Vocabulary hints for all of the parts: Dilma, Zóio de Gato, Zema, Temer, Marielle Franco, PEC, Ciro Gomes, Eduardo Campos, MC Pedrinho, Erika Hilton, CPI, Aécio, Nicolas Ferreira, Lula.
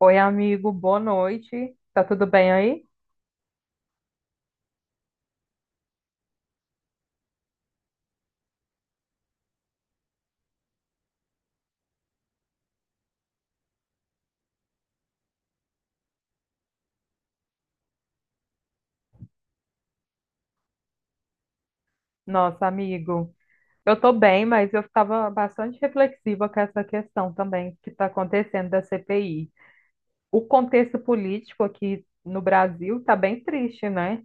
Oi, amigo, boa noite. Tá tudo bem aí? Nossa, amigo, eu tô bem, mas eu estava bastante reflexiva com essa questão também que está acontecendo da CPI. O contexto político aqui no Brasil tá bem triste, né?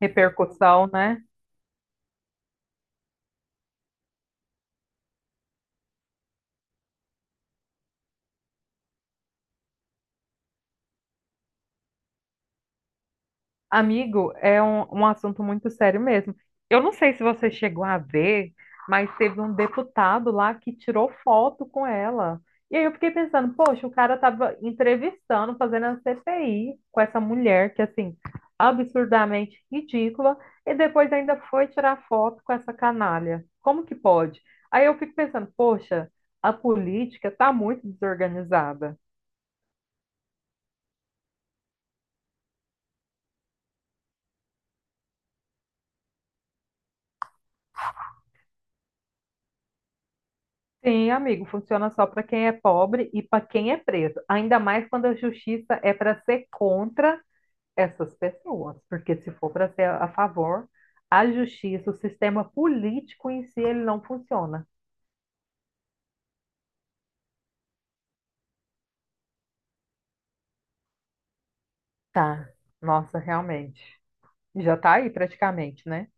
Repercussão, né? Amigo, é um assunto muito sério mesmo. Eu não sei se você chegou a ver, mas teve um deputado lá que tirou foto com ela. E aí eu fiquei pensando, poxa, o cara tava entrevistando, fazendo a CPI com essa mulher que, assim, absurdamente ridícula, e depois ainda foi tirar foto com essa canalha. Como que pode? Aí eu fico pensando, poxa, a política tá muito desorganizada. Sim, amigo, funciona só para quem é pobre e para quem é preso. Ainda mais quando a justiça é para ser contra essas pessoas, porque se for para ser a favor, a justiça, o sistema político em si, ele não funciona. Tá. Nossa, realmente. Já tá aí praticamente, né?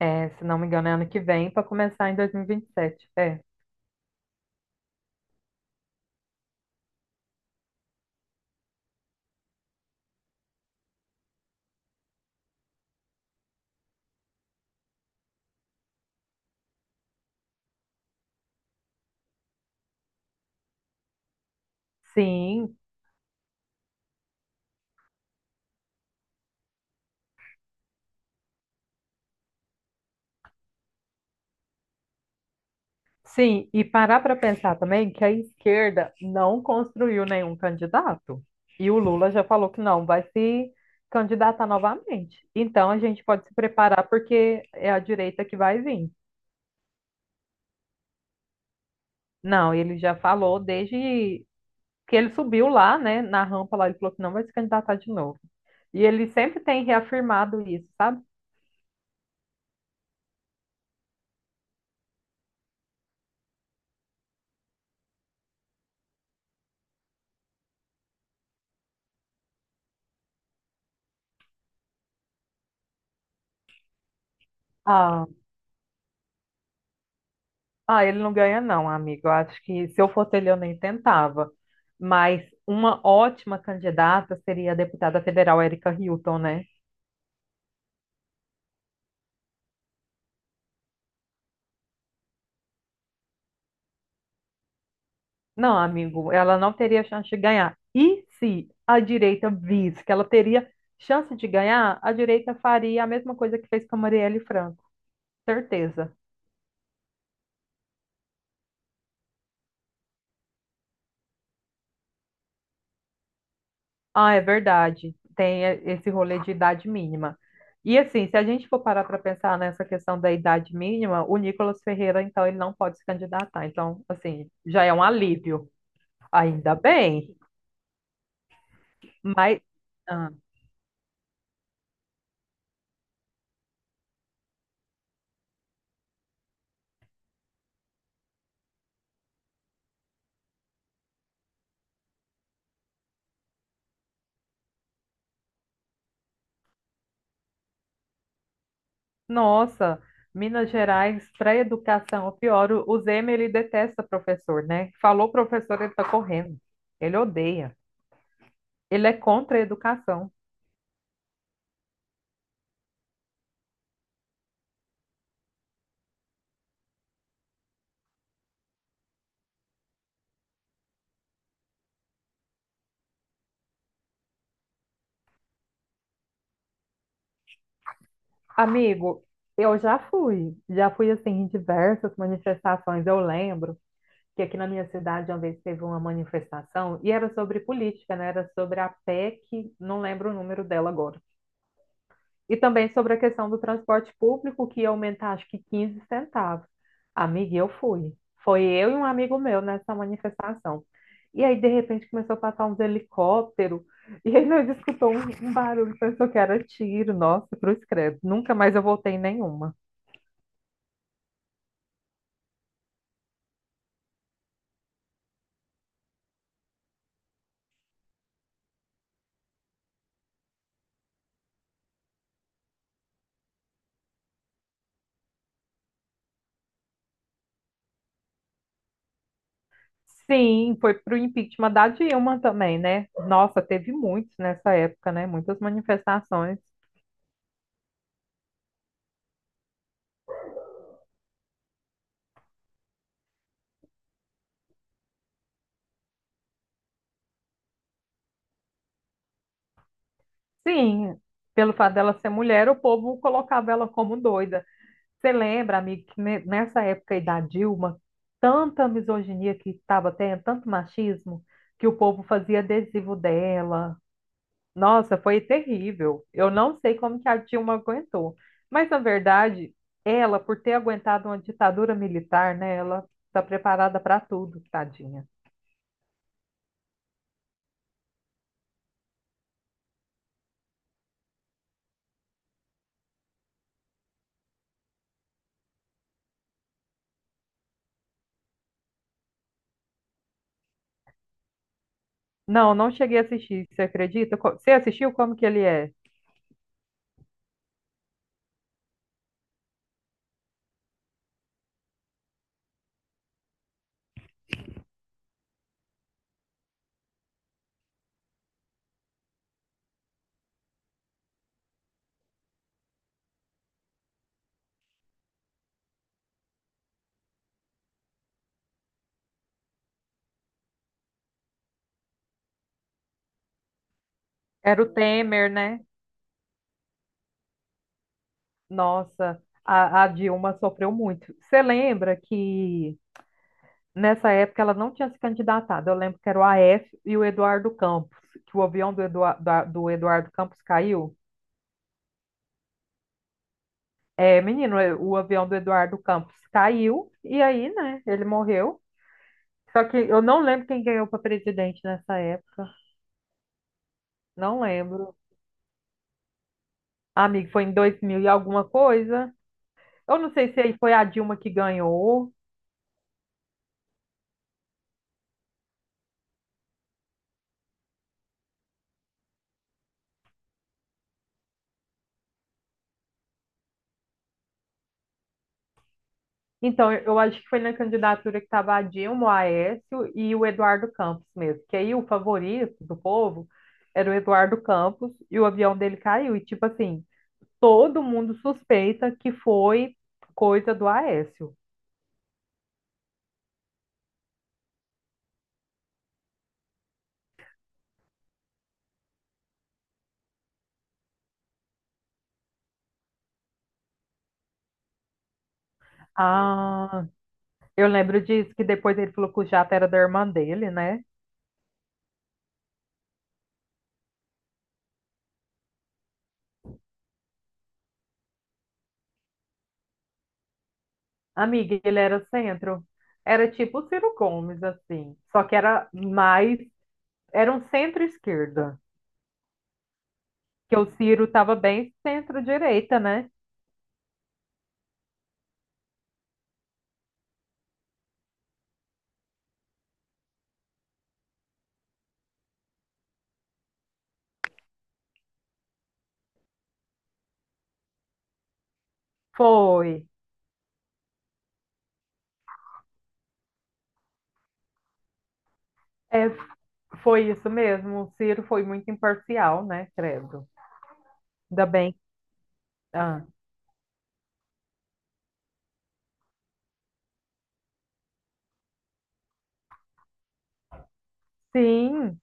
É, se não me engano, é ano que vem para começar em 2027. É. Sim, sim, e parar para pensar também que a esquerda não construiu nenhum candidato. E o Lula já falou que não vai se candidatar novamente. Então a gente pode se preparar porque é a direita que vai vir. Não, ele já falou desde que ele subiu lá, né, na rampa lá, ele falou que não vai se candidatar de novo. E ele sempre tem reafirmado isso, sabe? Ah, ah, ele não ganha, não, amigo. Eu acho que se eu fosse ele, eu nem tentava. Mas uma ótima candidata seria a deputada federal Erika Hilton, né? Não, amigo, ela não teria chance de ganhar. E se a direita visse que ela teria chance de ganhar, a direita faria a mesma coisa que fez com a Marielle Franco. Certeza. Ah, é verdade. Tem esse rolê de idade mínima. E assim, se a gente for parar para pensar nessa questão da idade mínima, o Nicolas Ferreira, então, ele não pode se candidatar. Então, assim, já é um alívio. Ainda bem. Mas, ah, nossa, Minas Gerais, para educação, o pior, o Zema, ele detesta professor, né? Falou professor, ele tá correndo. Ele odeia. Ele é contra a educação. Amigo, eu já fui assim em diversas manifestações. Eu lembro que aqui na minha cidade uma vez teve uma manifestação e era sobre política, né? Era sobre a PEC, não lembro o número dela agora. E também sobre a questão do transporte público que ia aumentar acho que 15 centavos. Amiga, eu fui. Foi eu e um amigo meu nessa manifestação. E aí de repente começou a passar uns helicópteros e aí nós escutou um barulho, pensou que era tiro. Nossa, cruz credo. Nunca mais eu voltei em nenhuma. Sim, foi pro impeachment da Dilma também, né? Nossa, teve muitos nessa época, né? Muitas manifestações. Sim, pelo fato dela ser mulher, o povo colocava ela como doida. Você lembra, amigo, que nessa época aí da Dilma, tanta misoginia que estava tendo, tanto machismo, que o povo fazia adesivo dela. Nossa, foi terrível. Eu não sei como que a Dilma aguentou. Mas, na verdade, ela, por ter aguentado uma ditadura militar, né, ela está preparada para tudo, tadinha. Não, não cheguei a assistir, você acredita? Você assistiu como que ele é? Era o Temer, né? Nossa, a Dilma sofreu muito. Você lembra que nessa época ela não tinha se candidatado? Eu lembro que era o AF e o Eduardo Campos, que o avião do Eduardo Campos caiu. É, menino, é, o avião do Eduardo Campos caiu e aí, né, ele morreu. Só que eu não lembro quem ganhou para presidente nessa época. Não lembro. Amigo, foi em 2000 e alguma coisa. Eu não sei se aí foi a Dilma que ganhou. Então, eu acho que foi na candidatura que estava a Dilma, o Aécio e o Eduardo Campos mesmo. Que aí o favorito do povo era o Eduardo Campos e o avião dele caiu. E tipo assim, todo mundo suspeita que foi coisa do Aécio. Ah, eu lembro disso, que depois ele falou que o jato era da irmã dele, né? Amiga, ele era centro. Era tipo o Ciro Gomes, assim. Só que era mais. Era um centro-esquerda. Que o Ciro tava bem centro-direita, né? Foi. É, foi isso mesmo. O Ciro foi muito imparcial, né? Credo. Ainda bem. Ah, sim.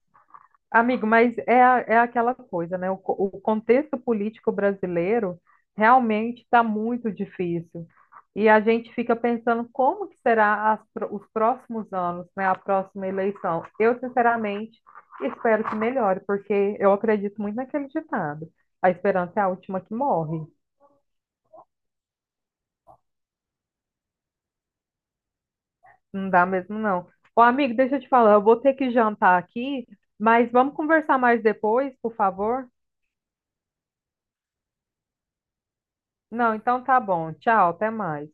Amigo, mas é, é aquela coisa, né? O contexto político brasileiro realmente está muito difícil. E a gente fica pensando como que será as os próximos anos, né? A próxima eleição. Eu, sinceramente, espero que melhore, porque eu acredito muito naquele ditado. A esperança é a última que morre. Não dá mesmo, não. Ô, amigo, deixa eu te falar, eu vou ter que jantar aqui, mas vamos conversar mais depois, por favor? Não, então tá bom. Tchau, até mais.